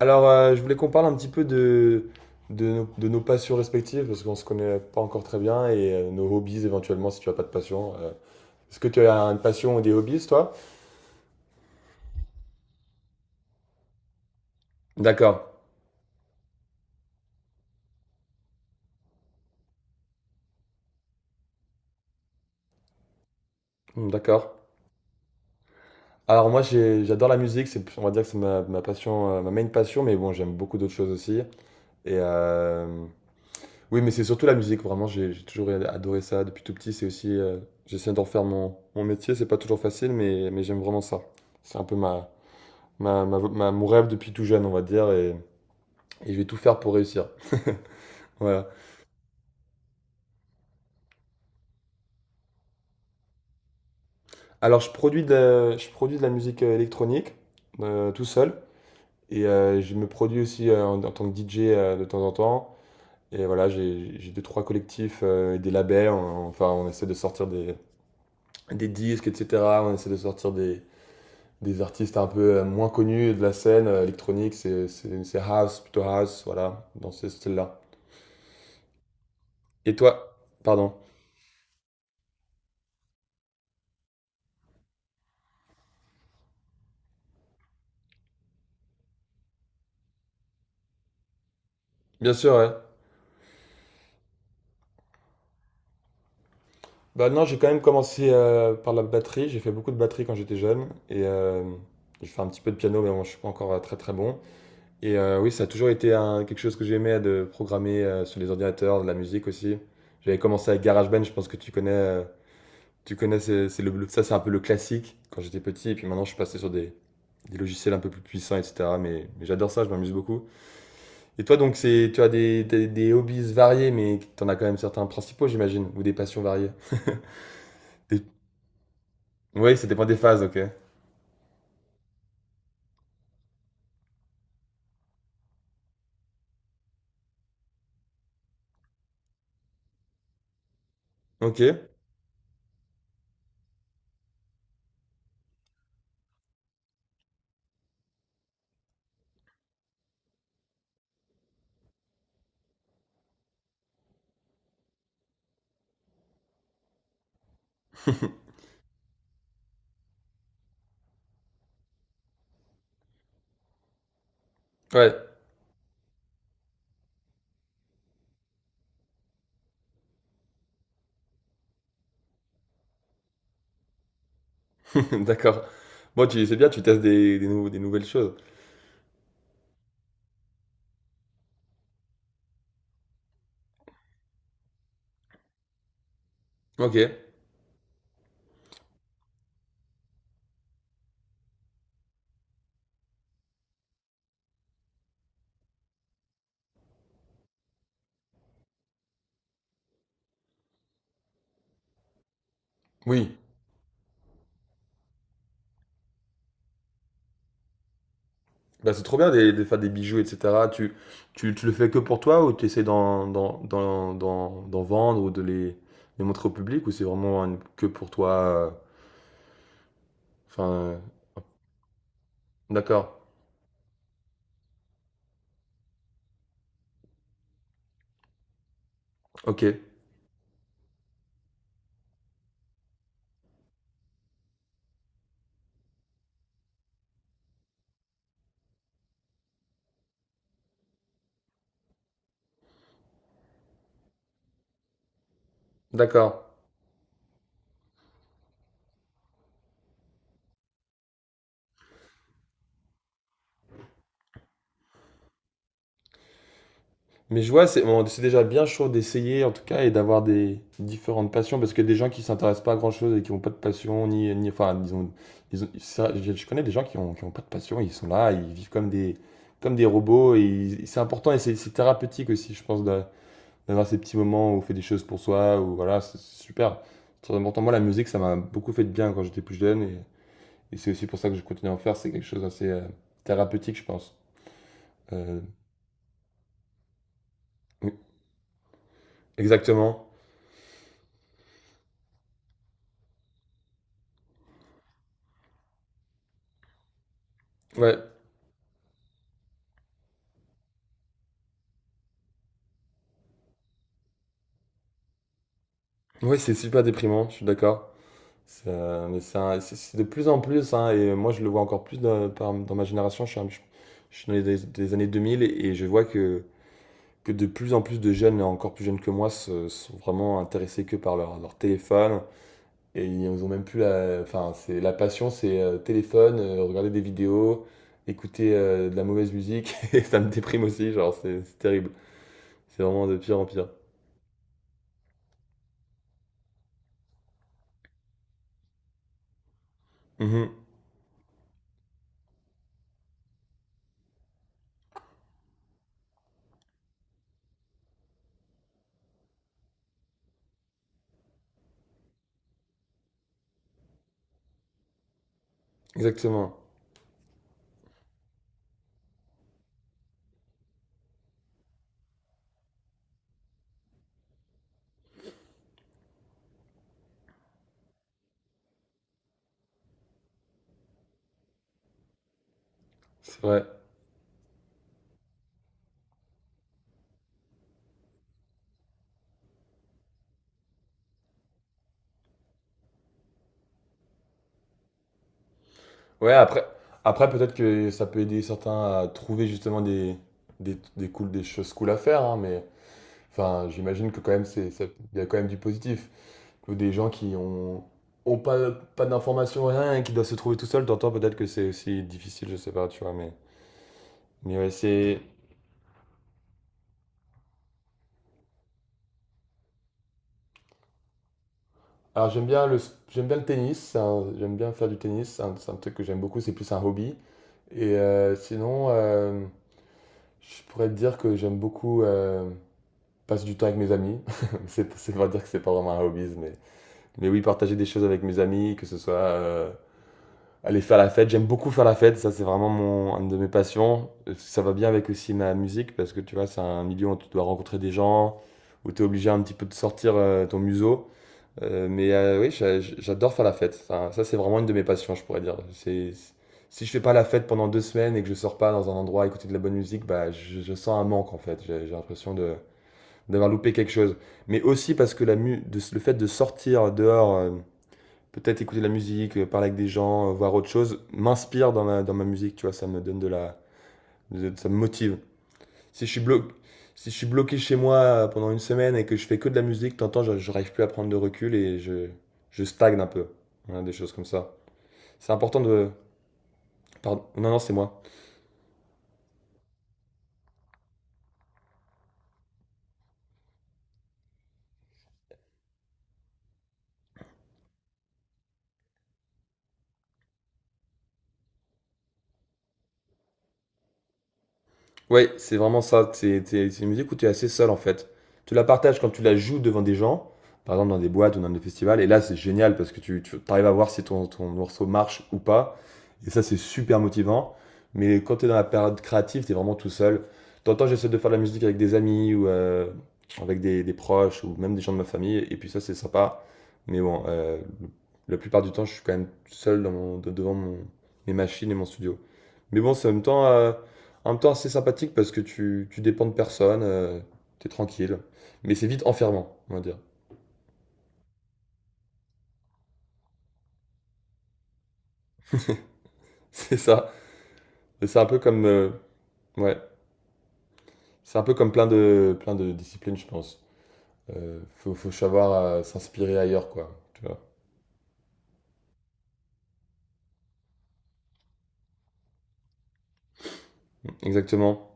Je voulais qu'on parle un petit peu de nos passions respectives, parce qu'on se connaît pas encore très bien, et nos hobbies éventuellement, si tu as pas de passion. Est-ce que tu as une passion ou des hobbies, toi? D'accord. D'accord. Alors moi, j'adore la musique, on va dire que c'est ma passion, ma main passion, mais bon, j'aime beaucoup d'autres choses aussi. Et euh, oui, mais c'est surtout la musique, vraiment, j'ai toujours adoré ça depuis tout petit. C'est aussi, j'essaie d'en faire mon métier, c'est pas toujours facile, mais j'aime vraiment ça. C'est un peu mon rêve depuis tout jeune, on va dire, et je vais tout faire pour réussir. Voilà. Alors, je produis de la musique électronique tout seul, je me produis aussi en tant que DJ de temps en temps. Et voilà, j'ai deux, trois collectifs et des labels. Enfin, on essaie de sortir des disques, etc. On essaie de sortir des artistes un peu moins connus de la scène électronique. C'est house, plutôt house, voilà, dans ce style-là. Et toi, pardon. Bien sûr, ouais. Bah non, j'ai quand même commencé par la batterie. J'ai fait beaucoup de batterie quand j'étais jeune. J'ai fait un petit peu de piano, mais bon, je suis pas encore très très bon. Oui, ça a toujours été quelque chose que j'aimais de programmer sur les ordinateurs, de la musique aussi. J'avais commencé avec GarageBand, je pense que tu connais. Tu connais, c'est ça c'est un peu le classique quand j'étais petit. Et puis maintenant, je suis passé sur des logiciels un peu plus puissants, etc. Mais j'adore ça, je m'amuse beaucoup. Et toi, donc, tu as des hobbies variés, mais t'en as quand même certains principaux, j'imagine, ou des passions variées. Oui, ça dépend des phases, ok. Ok. Ouais, d'accord. Bon, tu c'est bien, tu testes des nouvelles choses. Ok. Oui. Bah, c'est trop bien de faire des bijoux, etc. Tu le fais que pour toi ou tu essaies d'en vendre ou de les montrer au public ou c'est vraiment que pour toi? euh, Enfin, euh, d'accord. Ok. D'accord. Mais je vois, c'est bon, c'est déjà bien chaud d'essayer en tout cas et d'avoir des différentes passions parce que des gens qui s'intéressent pas à grand-chose et qui n'ont pas de passion, ni enfin, ils ont- ça, je connais des gens qui ont pas de passion, ils sont là, ils vivent comme comme des robots et ils- c'est important et c'est thérapeutique aussi, je pense, d'avoir ces petits moments où on fait des choses pour soi, ou voilà, c'est super. C'est très important. Moi, la musique, ça m'a beaucoup fait de bien quand j'étais plus jeune, et c'est aussi pour ça que je continue à en faire, c'est quelque chose d'assez thérapeutique, je pense. Euh, oui, exactement. Ouais. Oui, c'est super déprimant, je suis d'accord. Mais c'est c'est de plus en plus, hein, et moi je le vois encore plus dans ma génération. Je suis, je suis dans des années 2000 et je vois que de plus en plus de jeunes, encore plus jeunes que moi, se- sont vraiment intéressés que par leur téléphone. Et ils ont même plus la, enfin, c'est, la passion, c'est téléphone, regarder des vidéos, écouter de la mauvaise musique. Et ça me déprime aussi, genre c'est terrible. C'est vraiment de pire en pire. Mhm, exactement, c'est vrai. Ouais, après, après peut-être que ça peut aider certains à trouver justement cool, des choses cool à faire, hein, mais enfin, j'imagine que quand même, ça- il y a quand même du positif. Que des gens qui ont pas d'informations, rien, et qui doivent se trouver tout seuls, t'entends peut-être que c'est aussi difficile, je sais pas, tu vois, mais ouais, c'est. Alors j'aime bien j'aime bien le tennis, j'aime bien faire du tennis, c'est un truc que j'aime beaucoup, c'est plus un hobby. Et euh, sinon, euh, je pourrais te dire que j'aime beaucoup, passe du temps avec mes amis. C'est pas dire que c'est pas vraiment un hobby, mais oui, partager des choses avec mes amis, que ce soit aller faire la fête. J'aime beaucoup faire la fête, ça c'est vraiment mon, une de mes passions. Ça va bien avec aussi ma musique, parce que tu vois, c'est un milieu où tu dois rencontrer des gens, où tu es obligé un petit peu de sortir ton museau. Oui, j'adore faire la fête. Ça, c'est vraiment une de mes passions, je pourrais dire. C'est, si je fais pas la fête pendant deux semaines et que je sors pas dans un endroit à écouter de la bonne musique, bah, je sens un manque en fait. J'ai l'impression d'avoir loupé quelque chose. Mais aussi parce que le fait de sortir dehors, peut-être écouter de la musique, parler avec des gens, voir autre chose, m'inspire dans dans ma musique, tu vois, ça me donne de la... ça me motive. Si je suis blo- Si je suis bloqué chez moi pendant une semaine et que je fais que de la musique, t'entends, je n'arrive plus à prendre de recul et je stagne un peu. Voilà, des choses comme ça. C'est important de... Pardon. Non, non, c'est moi. Ouais, c'est vraiment ça. C'est une musique où tu es assez seul en fait. Tu la partages quand tu la joues devant des gens, par exemple dans des boîtes ou dans des festivals. Et là, c'est génial parce que tu arrives à voir si ton morceau marche ou pas. Et ça, c'est super motivant. Mais quand tu es dans la période créative, tu es vraiment tout seul. T'entends, j'essaie de faire de la musique avec des amis ou avec des proches ou même des gens de ma famille. Et puis ça, c'est sympa. Mais bon, euh, la plupart du temps, je suis quand même seul dans devant mes machines et mon studio. Mais bon, c'est en même temps, en même temps, assez sympathique parce que tu dépends de personne, t'es tranquille. Mais c'est vite enfermant, on va dire. C'est ça. Et c'est un peu comme, ouais, c'est un peu comme plein plein de disciplines, je pense. Faut savoir s'inspirer ailleurs, quoi. Tu vois. Exactement.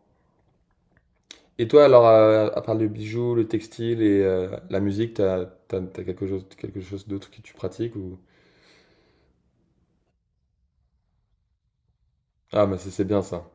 Et toi, alors, à part le bijou, le textile et la musique, t'as quelque chose d'autre que tu pratiques ou... Ah, bah c'est bien ça.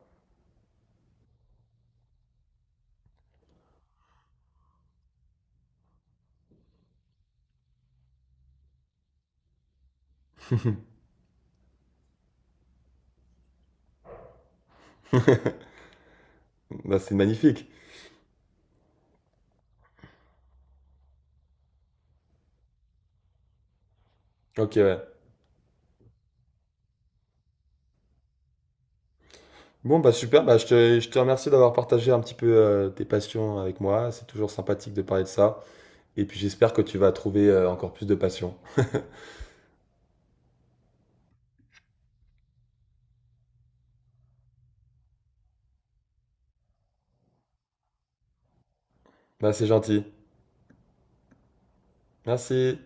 Bah, c'est magnifique. Ok, ouais. Bon, bah super, bah je te remercie d'avoir partagé un petit peu tes passions avec moi. C'est toujours sympathique de parler de ça. Et puis j'espère que tu vas trouver encore plus de passion. Bah c'est gentil. Merci.